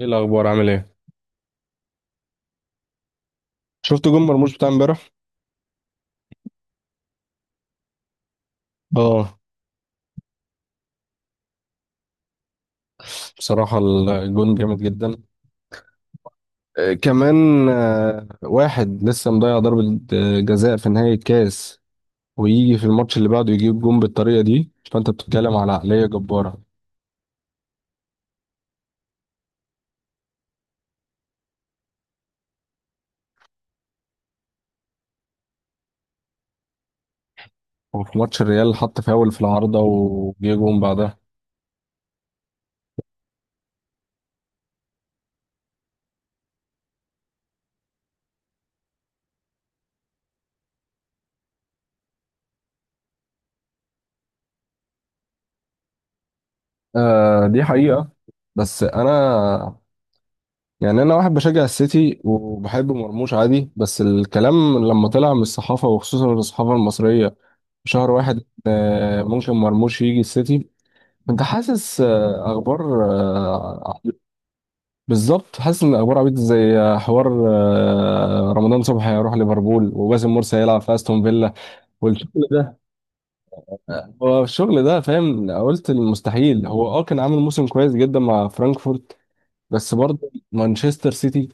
ايه الاخبار؟ عامل ايه؟ شفت جون مرموش بتاع امبارح؟ اه، بصراحه الجون جامد جدا. كمان، واحد لسه مضيع ضربه جزاء في نهايه الكاس، ويجي في الماتش اللي بعده يجيب جون بالطريقه دي. فانت بتتكلم على عقليه جباره. وفي ماتش الريال حط فاول في العارضه وجه جون بعدها. دي حقيقه. بس انا، يعني انا واحد بشجع السيتي وبحب مرموش عادي، بس الكلام لما طلع من الصحافه وخصوصا الصحافه المصريه، شهر واحد، ممكن مرموش يجي السيتي، انت حاسس، اخبار، آه، بالظبط، حاسس ان اخبار عبيط زي حوار رمضان صبحي هيروح ليفربول وباسم مرسي هيلعب في استون فيلا والشغل ده. هو الشغل ده، فاهم؟ قلت المستحيل. هو كان عامل موسم كويس جدا مع فرانكفورت بس برضه مانشستر سيتي.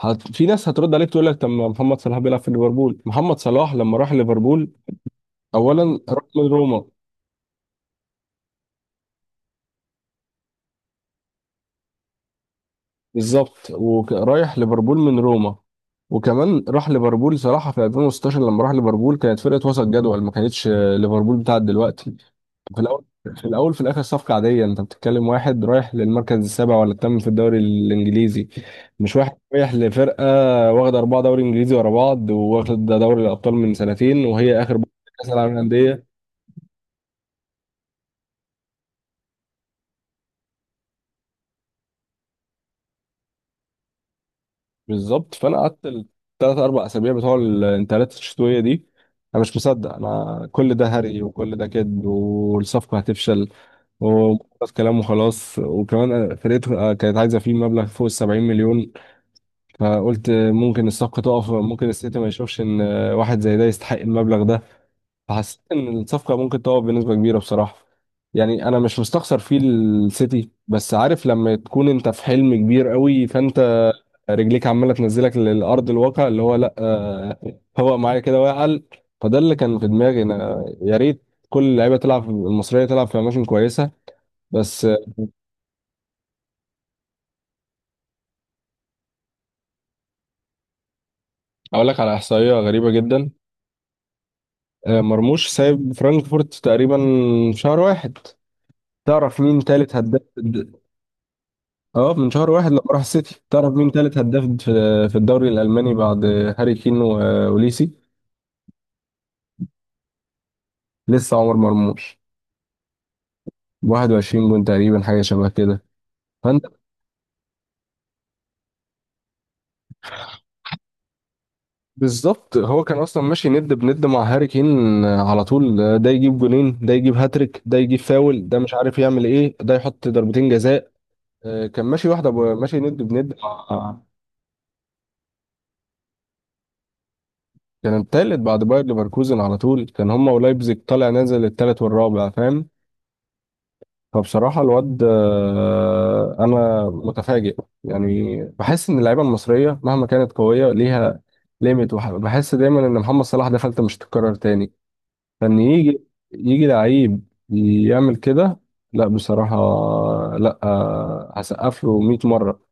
في ناس هترد عليك تقول لك طب ما محمد صلاح بيلعب في ليفربول، محمد صلاح لما راح ليفربول اولا راح من روما. بالظبط، ورايح ليفربول من روما. وكمان راح ليفربول صراحه في 2016، لما راح ليفربول كانت فرقه وسط جدول، ما كانتش ليفربول بتاعت دلوقتي. في الاول في الاخر صفقه عاديه، انت بتتكلم واحد رايح للمركز السابع ولا الثامن في الدوري الانجليزي، مش واحد رايح لفرقه واخده اربعه دوري انجليزي ورا بعض، واخد دوري الابطال من سنتين وهي اخر بطولة، كاس العالم للانديه. بالظبط، فانا قعدت الثلاث اربع اسابيع بتوع الانتقالات الشتويه دي انا مش مصدق، انا كل ده هري وكل ده كذب والصفقه هتفشل وخلاص، كلام وخلاص. وكمان أنا فرقته كانت عايزه فيه مبلغ فوق ال 70 مليون، فقلت ممكن الصفقه تقف، ممكن السيتي ما يشوفش ان واحد زي ده يستحق المبلغ ده. فحسيت ان الصفقه ممكن تقع بنسبه كبيره بصراحه. يعني انا مش مستخسر فيه السيتي، بس عارف لما تكون انت في حلم كبير قوي فانت رجليك عماله تنزلك للارض الواقع اللي هو لا هو معايا كده واقل. فده اللي كان في دماغي، انا يا ريت كل اللعيبه تلعب المصريه تلعب في اماكن كويسه بس. اقول لك على احصائيه غريبه جدا. مرموش سايب فرانكفورت تقريبا شهر واحد، تعرف مين تالت هداف؟ اه، من شهر واحد لما راح السيتي، تعرف مين تالت هداف في في الدوري الالماني بعد هاري كين واوليسي؟ لسه عمر مرموش 21 جون تقريبا، حاجه شبه كده. فانت، بالظبط، هو كان اصلا ماشي ند بند مع هاري كين على طول. ده يجيب جونين، ده يجيب هاتريك، ده يجيب فاول، ده مش عارف يعمل ايه، ده يحط ضربتين جزاء. كان ماشي واحده ماشي ند بند مع، كان التالت بعد باير ليفركوزن على طول. كان هما ولايبزيج طالع نازل التالت والرابع، فاهم؟ فبصراحة الواد، أنا متفاجئ. يعني بحس إن اللعيبة المصرية مهما كانت قوية ليها ليميت، بحس دايما إن محمد صلاح ده فلتة مش تتكرر تاني، فإن يجي يجي لعيب يعمل كده، لا بصراحة. لا هسقف له 100 مرة.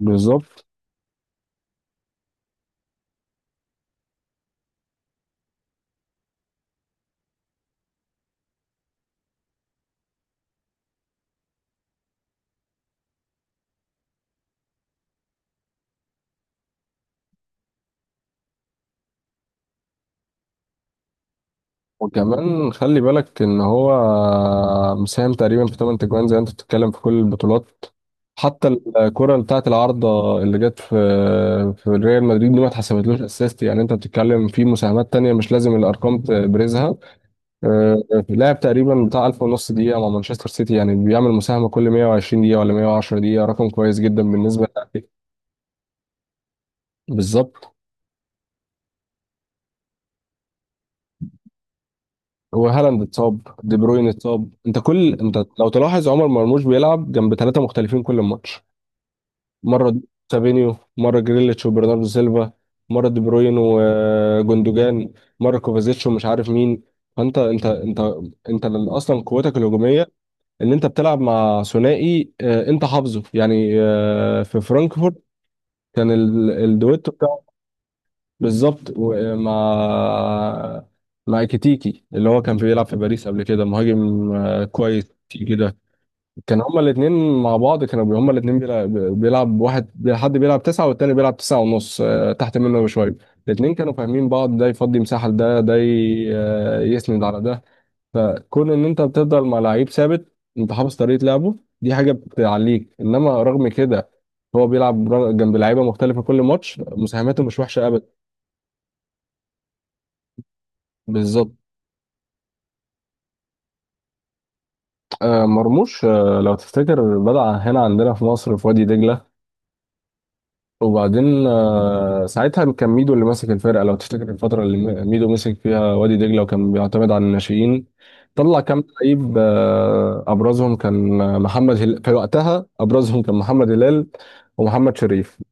بالظبط، وكمان خلي بالك ان هو مساهم تقريبا في 8 تجوان زي ما انت بتتكلم في كل البطولات. حتى الكرة بتاعت العارضة اللي جت في في ريال مدريد دي ما اتحسبتلوش اسيست، يعني انت بتتكلم في مساهمات تانية مش لازم الارقام تبرزها. آه، لعب تقريبا بتاع 1000 ونص دقيقة مع مانشستر سيتي، يعني بيعمل مساهمة كل 120 دقيقة ولا 110 دقيقة، رقم كويس جدا بالنسبة للاعب. بالظبط. وهالاند اتصاب، دي بروين اتصاب، انت كل انت لو تلاحظ عمر مرموش بيلعب جنب ثلاثة مختلفين كل ماتش. مرة سابينيو، مرة جريليتش وبرناردو سيلفا، مرة دي بروين وجوندوجان، مرة كوفازيتش ومش عارف مين. فانت انت اصلا قوتك الهجومية ان انت بتلعب مع ثنائي، انت حافظه يعني، في فرانكفورت كان الدويتو بتاعه. بالظبط مع كيتيكي اللي هو كان بيلعب في باريس قبل كده، مهاجم كويس كده. كان هما الاتنين مع بعض، كانوا هما الاتنين بيلعب واحد، حد بيلعب تسعة والتاني بيلعب تسعة ونص، تحت منه بشوية. الاتنين كانوا فاهمين بعض، ده يفضي مساحة لده، ده يسند على ده. فكون ان انت بتفضل مع لعيب ثابت انت حافظ طريقة لعبه، دي حاجة بتعليك. انما رغم كده هو بيلعب جنب لعيبة مختلفة كل ماتش، مساهماته مش وحشة ابدا. بالظبط. مرموش لو تفتكر بدأ هنا عندنا في مصر في وادي دجلة. وبعدين ساعتها كان ميدو اللي ماسك الفرقه، لو تفتكر الفتره اللي ميدو مسك فيها وادي دجله، وكان بيعتمد على الناشئين. طلع كام لعيب، ابرزهم كان محمد هلال، في وقتها ابرزهم كان محمد هلال ومحمد شريف،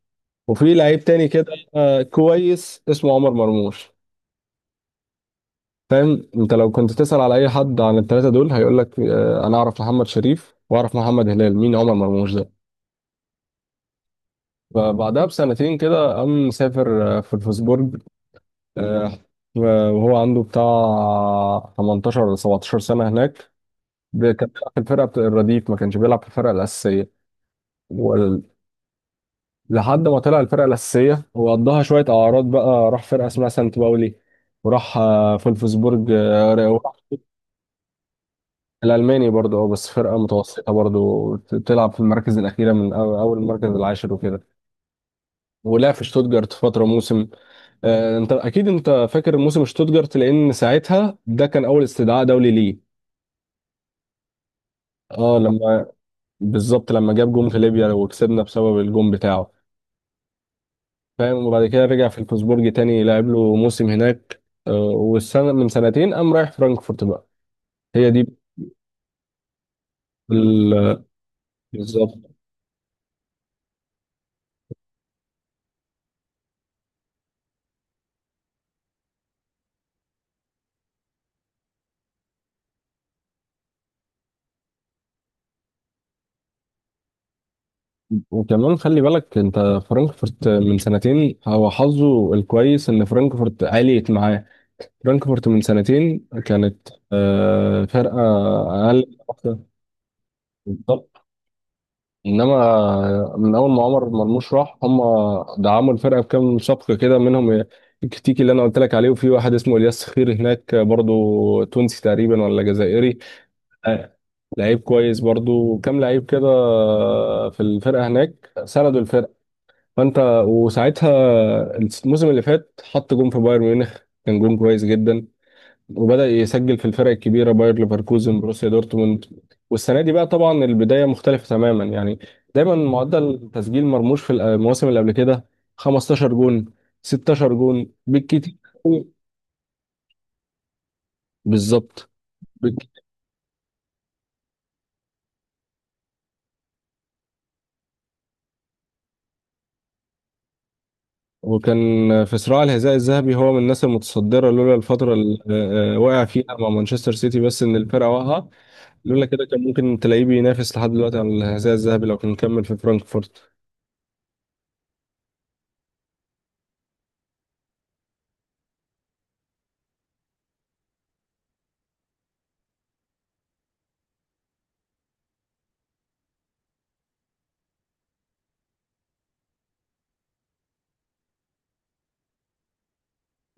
وفي لعيب تاني كده كويس اسمه عمر مرموش. فاهم؟ انت لو كنت تسأل على اي حد عن الثلاثه دول هيقول لك، انا اعرف محمد شريف واعرف محمد هلال، مين عمر مرموش ده؟ فبعدها بسنتين كده قام مسافر، في الفوسبورج، آه، وهو عنده بتاع 18 ولا 17 سنة هناك. كان بيلعب في الفرقة بتاع الرديف، ما كانش بيلعب في الفرقة الأساسية ولحد ما طلع الفرقة الأساسية. وقضاها شوية أعراض بقى، راح فرقة اسمها سانت باولي، وراح فولفسبورج، وراح الألماني برضه. اه، بس فرقة متوسطة برضه تلعب في المراكز الأخيرة من أول المركز العاشر وكده. ولعب في شتوتجارت فترة موسم. انت اكيد انت فاكر موسم شتوتجارت، لان ساعتها ده كان اول استدعاء دولي ليه. اه، لما بالظبط لما جاب جون في ليبيا وكسبنا بسبب الجون بتاعه. فاهم؟ وبعد كده رجع في الفوسبورج تاني، لعب له موسم هناك. والسنة من سنتين قام رايح فرانكفورت بقى. هي دي ال- بالظبط. وكمان خلي بالك انت، فرانكفورت من سنتين، هو حظه الكويس ان فرانكفورت عليت معاه. فرانكفورت من سنتين كانت فرقة اقل. بالظبط، انما من اول ما عمر مرموش راح، هم دعموا الفرقه بكام شق كده، منهم الكتيكي اللي انا قلت لك عليه، وفي واحد اسمه الياس خير هناك برضو، تونسي تقريبا ولا جزائري. آه، لعيب كويس برضو، كام لعيب كده في الفرقه هناك، سندوا الفرقه. فانت، وساعتها الموسم اللي فات حط جون في بايرن ميونخ، كان جون كويس جدا. وبدأ يسجل في الفرق الكبيرة، باير ليفركوزن، بروسيا دورتموند. والسنة دي بقى طبعا البداية مختلفة تماما. يعني دايما معدل تسجيل مرموش في المواسم اللي قبل كده 15 جون، 16 جون بالكتير. أوي. بالظبط. بالك- وكان في صراع الحذاء الذهبي هو من الناس المتصدرة، لولا الفترة اللي وقع فيها مع مانشستر سيتي بس إن الفرقة واقعة. لولا كده كان ممكن تلاقيه بينافس لحد دلوقتي على الحذاء الذهبي لو كان كمل في فرانكفورت.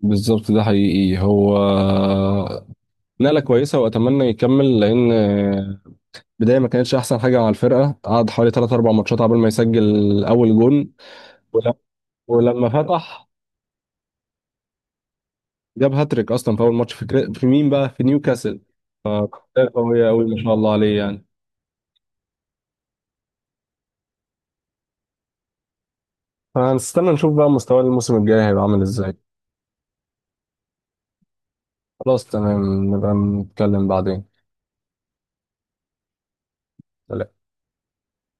بالظبط، ده حقيقي. هو نقلة كويسة وأتمنى يكمل، لأن بداية ما كانتش أحسن حاجة مع الفرقة. قعد حوالي 3 4 ماتشات قبل ما يسجل أول جون. ول- ولما فتح جاب هاتريك أصلا في أول ماتش في، في مين بقى؟ في نيوكاسل. فرقة قوية أوي ما شاء الله عليه. يعني فهنستنى نشوف بقى مستواه الموسم الجاي هيبقى عامل إزاي. خلاص، تمام، نبقى نتكلم بعدين.